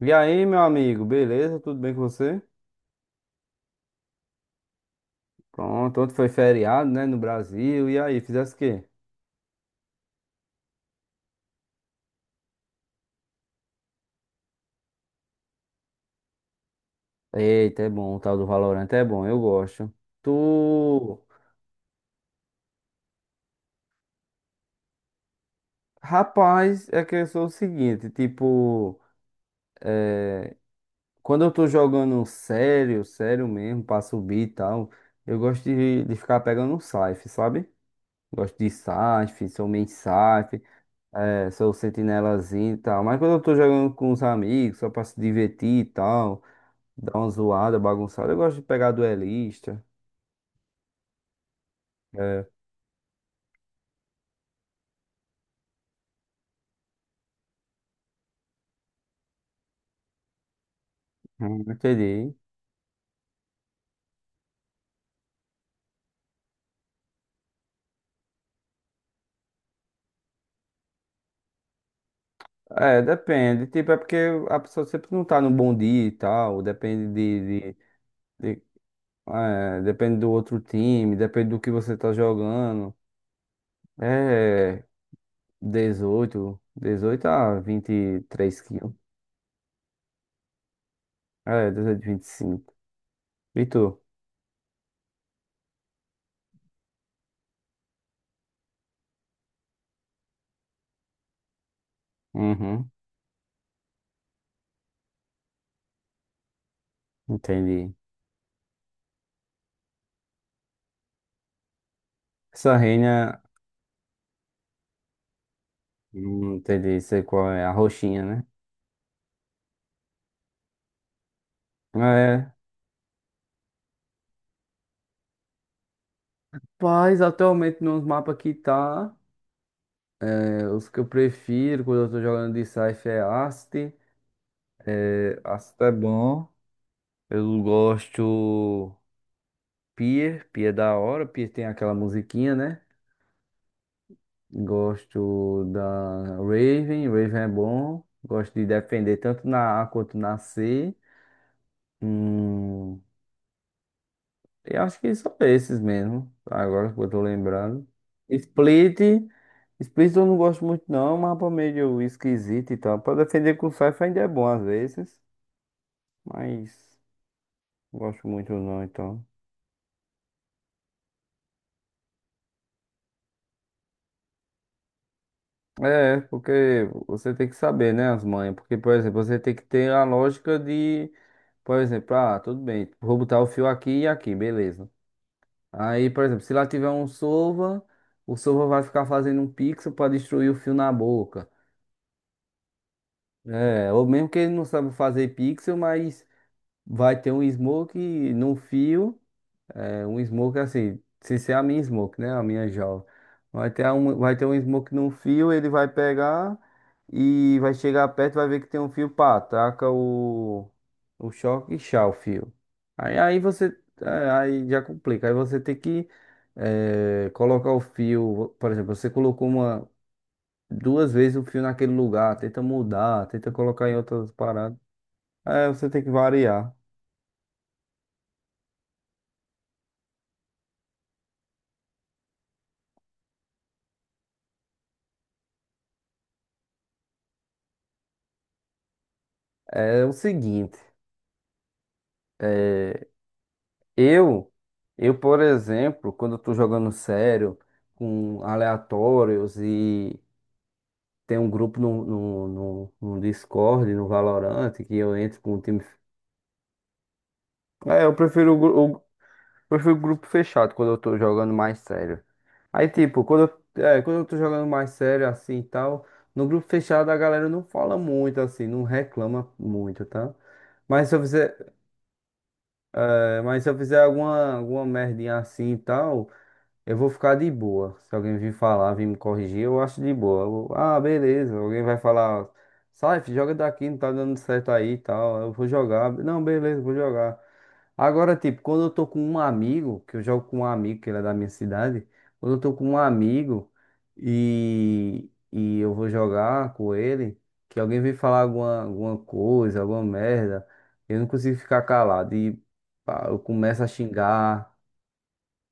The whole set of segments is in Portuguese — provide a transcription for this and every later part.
E aí, meu amigo, beleza? Tudo bem com você? Pronto, ontem foi feriado, né, no Brasil. E aí, fizesse o quê? Eita, é bom, o tal do Valorant é bom, eu gosto. Tu. Rapaz, é que eu sou o seguinte, tipo, quando eu tô jogando sério, sério mesmo, pra subir e tal, eu gosto de ficar pegando um Scythe, sabe? Gosto de Scythe, sou main Scythe, é, sou sentinelazinho e tal. Mas quando eu tô jogando com os amigos, só pra se divertir e tal. Dá uma zoada, bagunçada. Eu gosto de pegar duelista. É, entendi. É, depende. Tipo, é porque a pessoa sempre não tá no bom dia e tal. Depende de- é, depende do outro time, depende do que você tá jogando. É 18 a 23 quilos. É, 18, 25. E cinco. E tu? Uhum, entendi. Essa reina, entendi, sei qual é, a roxinha, né? É. Mas atualmente nos mapas que tá. É, os que eu prefiro quando eu tô jogando de Scythe é Ast. É, Ast é bom. Eu gosto Pier. Pier é da hora. Pier tem aquela musiquinha, né? Gosto da Raven. Raven é bom. Gosto de defender tanto na A quanto na C. Hum, eu acho que são esses mesmo. Agora que eu tô lembrando. Split. Split eu não gosto muito, não. Mapa meio esquisito e tal. Pra defender com Scythe ainda é bom às vezes. Mas não gosto muito, não, então. É, porque você tem que saber, né, as manhas. Porque, por exemplo, você tem que ter a lógica de, por exemplo, ah, tudo bem, vou botar o fio aqui e aqui, beleza. Aí, por exemplo, se lá tiver um Sova, o Sova vai ficar fazendo um pixel para destruir o fio na boca. É, ou mesmo que ele não sabe fazer pixel, mas vai ter um smoke no fio. É um smoke assim, se ser a minha smoke, né? A minha jaw. Vai ter um smoke num fio, ele vai pegar e vai chegar perto, vai ver que tem um fio, pá, taca o choque e chá o fio. Aí já complica. Aí você tem que colocar o fio, por exemplo, você colocou duas vezes o fio naquele lugar, tenta mudar, tenta colocar em outras paradas. É, você tem que variar. É o seguinte. é, Eu, eu, por exemplo, quando eu tô jogando sério, com aleatórios, e tem um grupo no Discord, no Valorant, que eu entro com o time. É, eu prefiro o grupo fechado quando eu tô jogando mais sério. Aí, tipo, quando eu tô jogando mais sério assim e tal, no grupo fechado a galera não fala muito, assim, não reclama muito, tá? Mas se eu fizer alguma merdinha assim e tal. Eu vou ficar de boa. Se alguém vir falar, vir me corrigir, eu acho de boa. Vou, ah, beleza. Alguém vai falar, sai, filho, joga daqui, não tá dando certo aí e tal. Eu vou jogar. Não, beleza, vou jogar. Agora, tipo, quando eu tô com um amigo, que eu jogo com um amigo, que ele é da minha cidade, quando eu tô com um amigo e eu vou jogar com ele, que alguém vem falar alguma coisa, alguma merda, eu não consigo ficar calado. E pá, eu começo a xingar.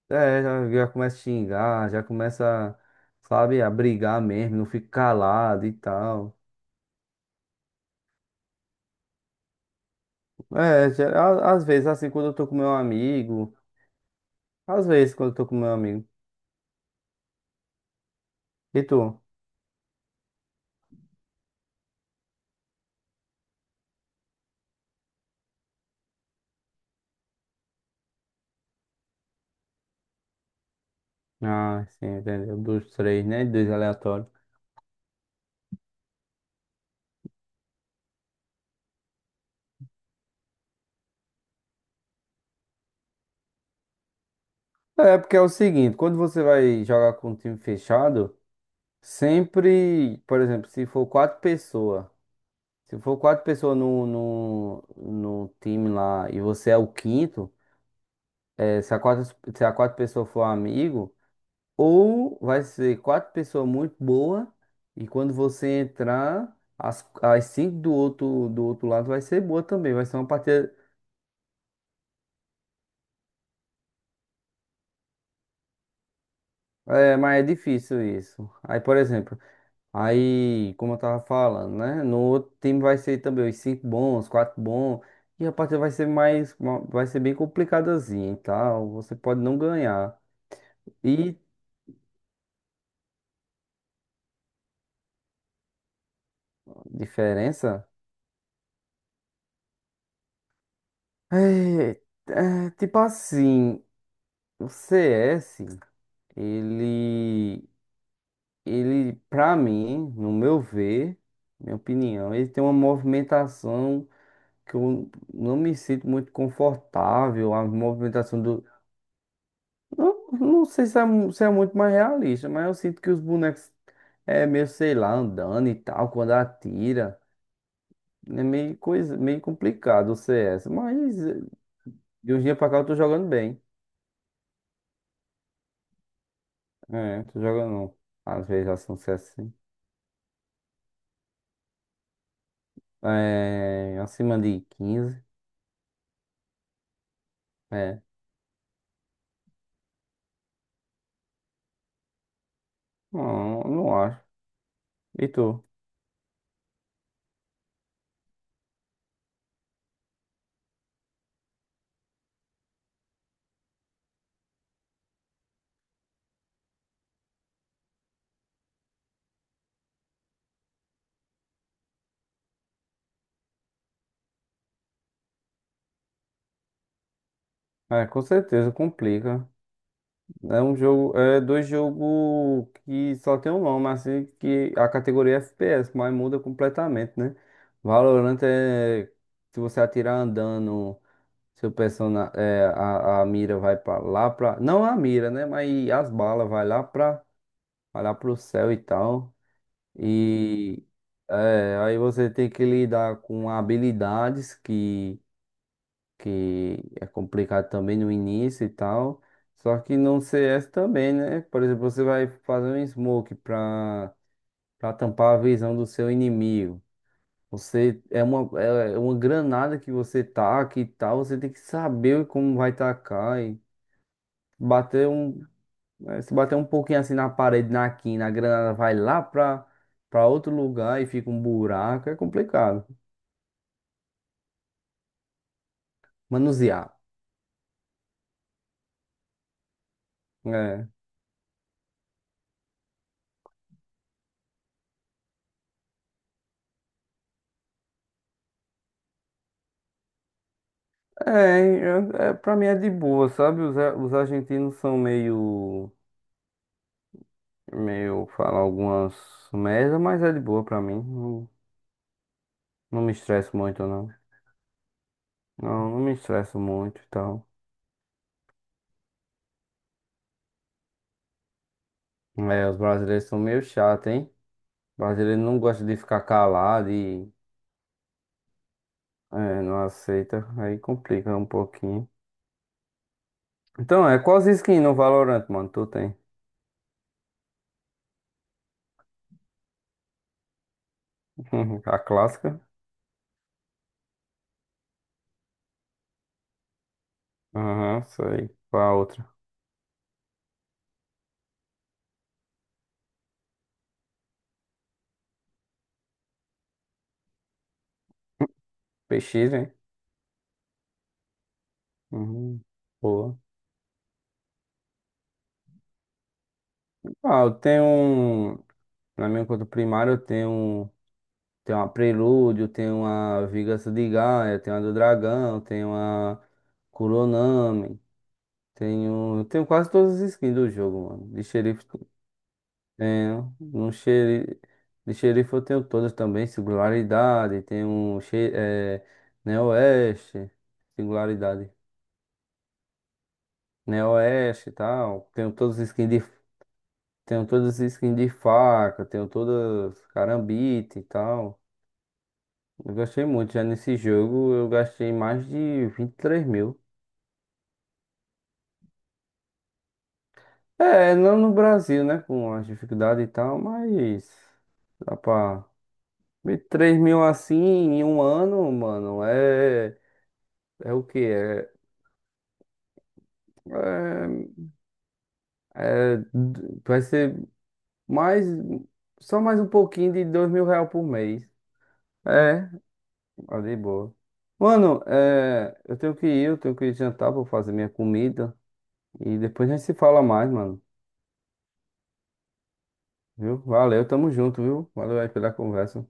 É, já, começa a xingar, já começa, sabe, a brigar mesmo, não fica calado e tal. É, às vezes, assim, quando eu tô com meu amigo, às vezes quando eu tô com meu amigo. E tu? Ah, sim, entendeu. Dos três, né? Dois aleatórios. É, porque é o seguinte, quando você vai jogar com um time fechado, sempre, por exemplo, se for quatro pessoas no time lá e você é o quinto, é, se a quatro, se a quatro pessoas for amigo. Ou vai ser quatro pessoas muito boas, e quando você entrar, as cinco do outro lado vai ser boa também. Vai ser uma partida. É, mas é difícil isso. Aí, por exemplo, aí, como eu tava falando, né? No outro time vai ser também os cinco bons, quatro bons. E a partida vai ser mais. Vai ser bem complicadazinha e tal. Você pode não ganhar. E diferença? É, é, tipo assim, o CS, ele. ele, pra mim, no meu ver, minha opinião, ele tem uma movimentação que eu não me sinto muito confortável. A movimentação do. Não, não sei se é muito mais realista, mas eu sinto que os bonecos é meio, sei lá, andando e tal, quando atira. É meio coisa, meio complicado o CS, mas de um dia pra cá eu tô jogando bem. É, tô jogando, às vezes, ação CS, sim. É, acima de 15. É, não, não acho. E tu? É, com certeza, complica. É um jogo, é dois jogos que só tem um nome, assim, que a categoria é FPS, mas muda completamente, né? Valorant é se você atirar andando, seu personagem, a mira vai lá pra. Não a mira, né? Mas as balas vai lá pro céu e tal. E aí você tem que lidar com habilidades que é complicado também no início e tal. Só que no CS também, né? Por exemplo, você vai fazer um smoke pra tampar a visão do seu inimigo. Você é uma granada que você taca e tal, você tem que saber como vai tacar e bater um, se bater um pouquinho assim na parede, na quina, a granada vai lá pra outro lugar e fica um buraco, é complicado. Manusear. Né? É, é, pra mim é de boa, sabe? Os argentinos são meio, falam algumas merda, mas é de boa pra mim. Não, não me estresso muito, não. Não, não me estresso muito e tal. É, os brasileiros são meio chatos, hein? O brasileiro não gosta de ficar calado e não aceita. Aí complica um pouquinho. Então, quais skin no Valorant, mano? Tu tem? A clássica? Aham, sei. Qual a outra? PX, hein? Uhum. Boa. Ah, eu tenho um. Na minha conta primária tenho uma Prelúdio, tenho uma Vingança de Gaia, tenho uma do Dragão, tenho uma Kuronami, Tenho quase todas as skins do jogo, mano. De xerife tenho. No xeri- De xerife eu tenho todas também, singularidade, tenho Neo-Oeste, singularidade. Neo-Oeste e tal. Tenho todas as skins de. Tenho todas as skins de faca, tenho todas carambite e tal. Eu gastei muito. Já nesse jogo eu gastei mais de 23 mil. É, não no Brasil, né? Com as dificuldades e tal, mas dá pra, 23 mil assim em um ano, mano, é. É o quê? É, é- vai ser mais. Só mais um pouquinho de 2 mil real por mês. É, tá de boa. Mano, eu tenho que ir jantar, vou fazer minha comida. E depois a gente se fala mais, mano. Viu? Valeu, tamo junto, viu? Valeu aí pela conversa.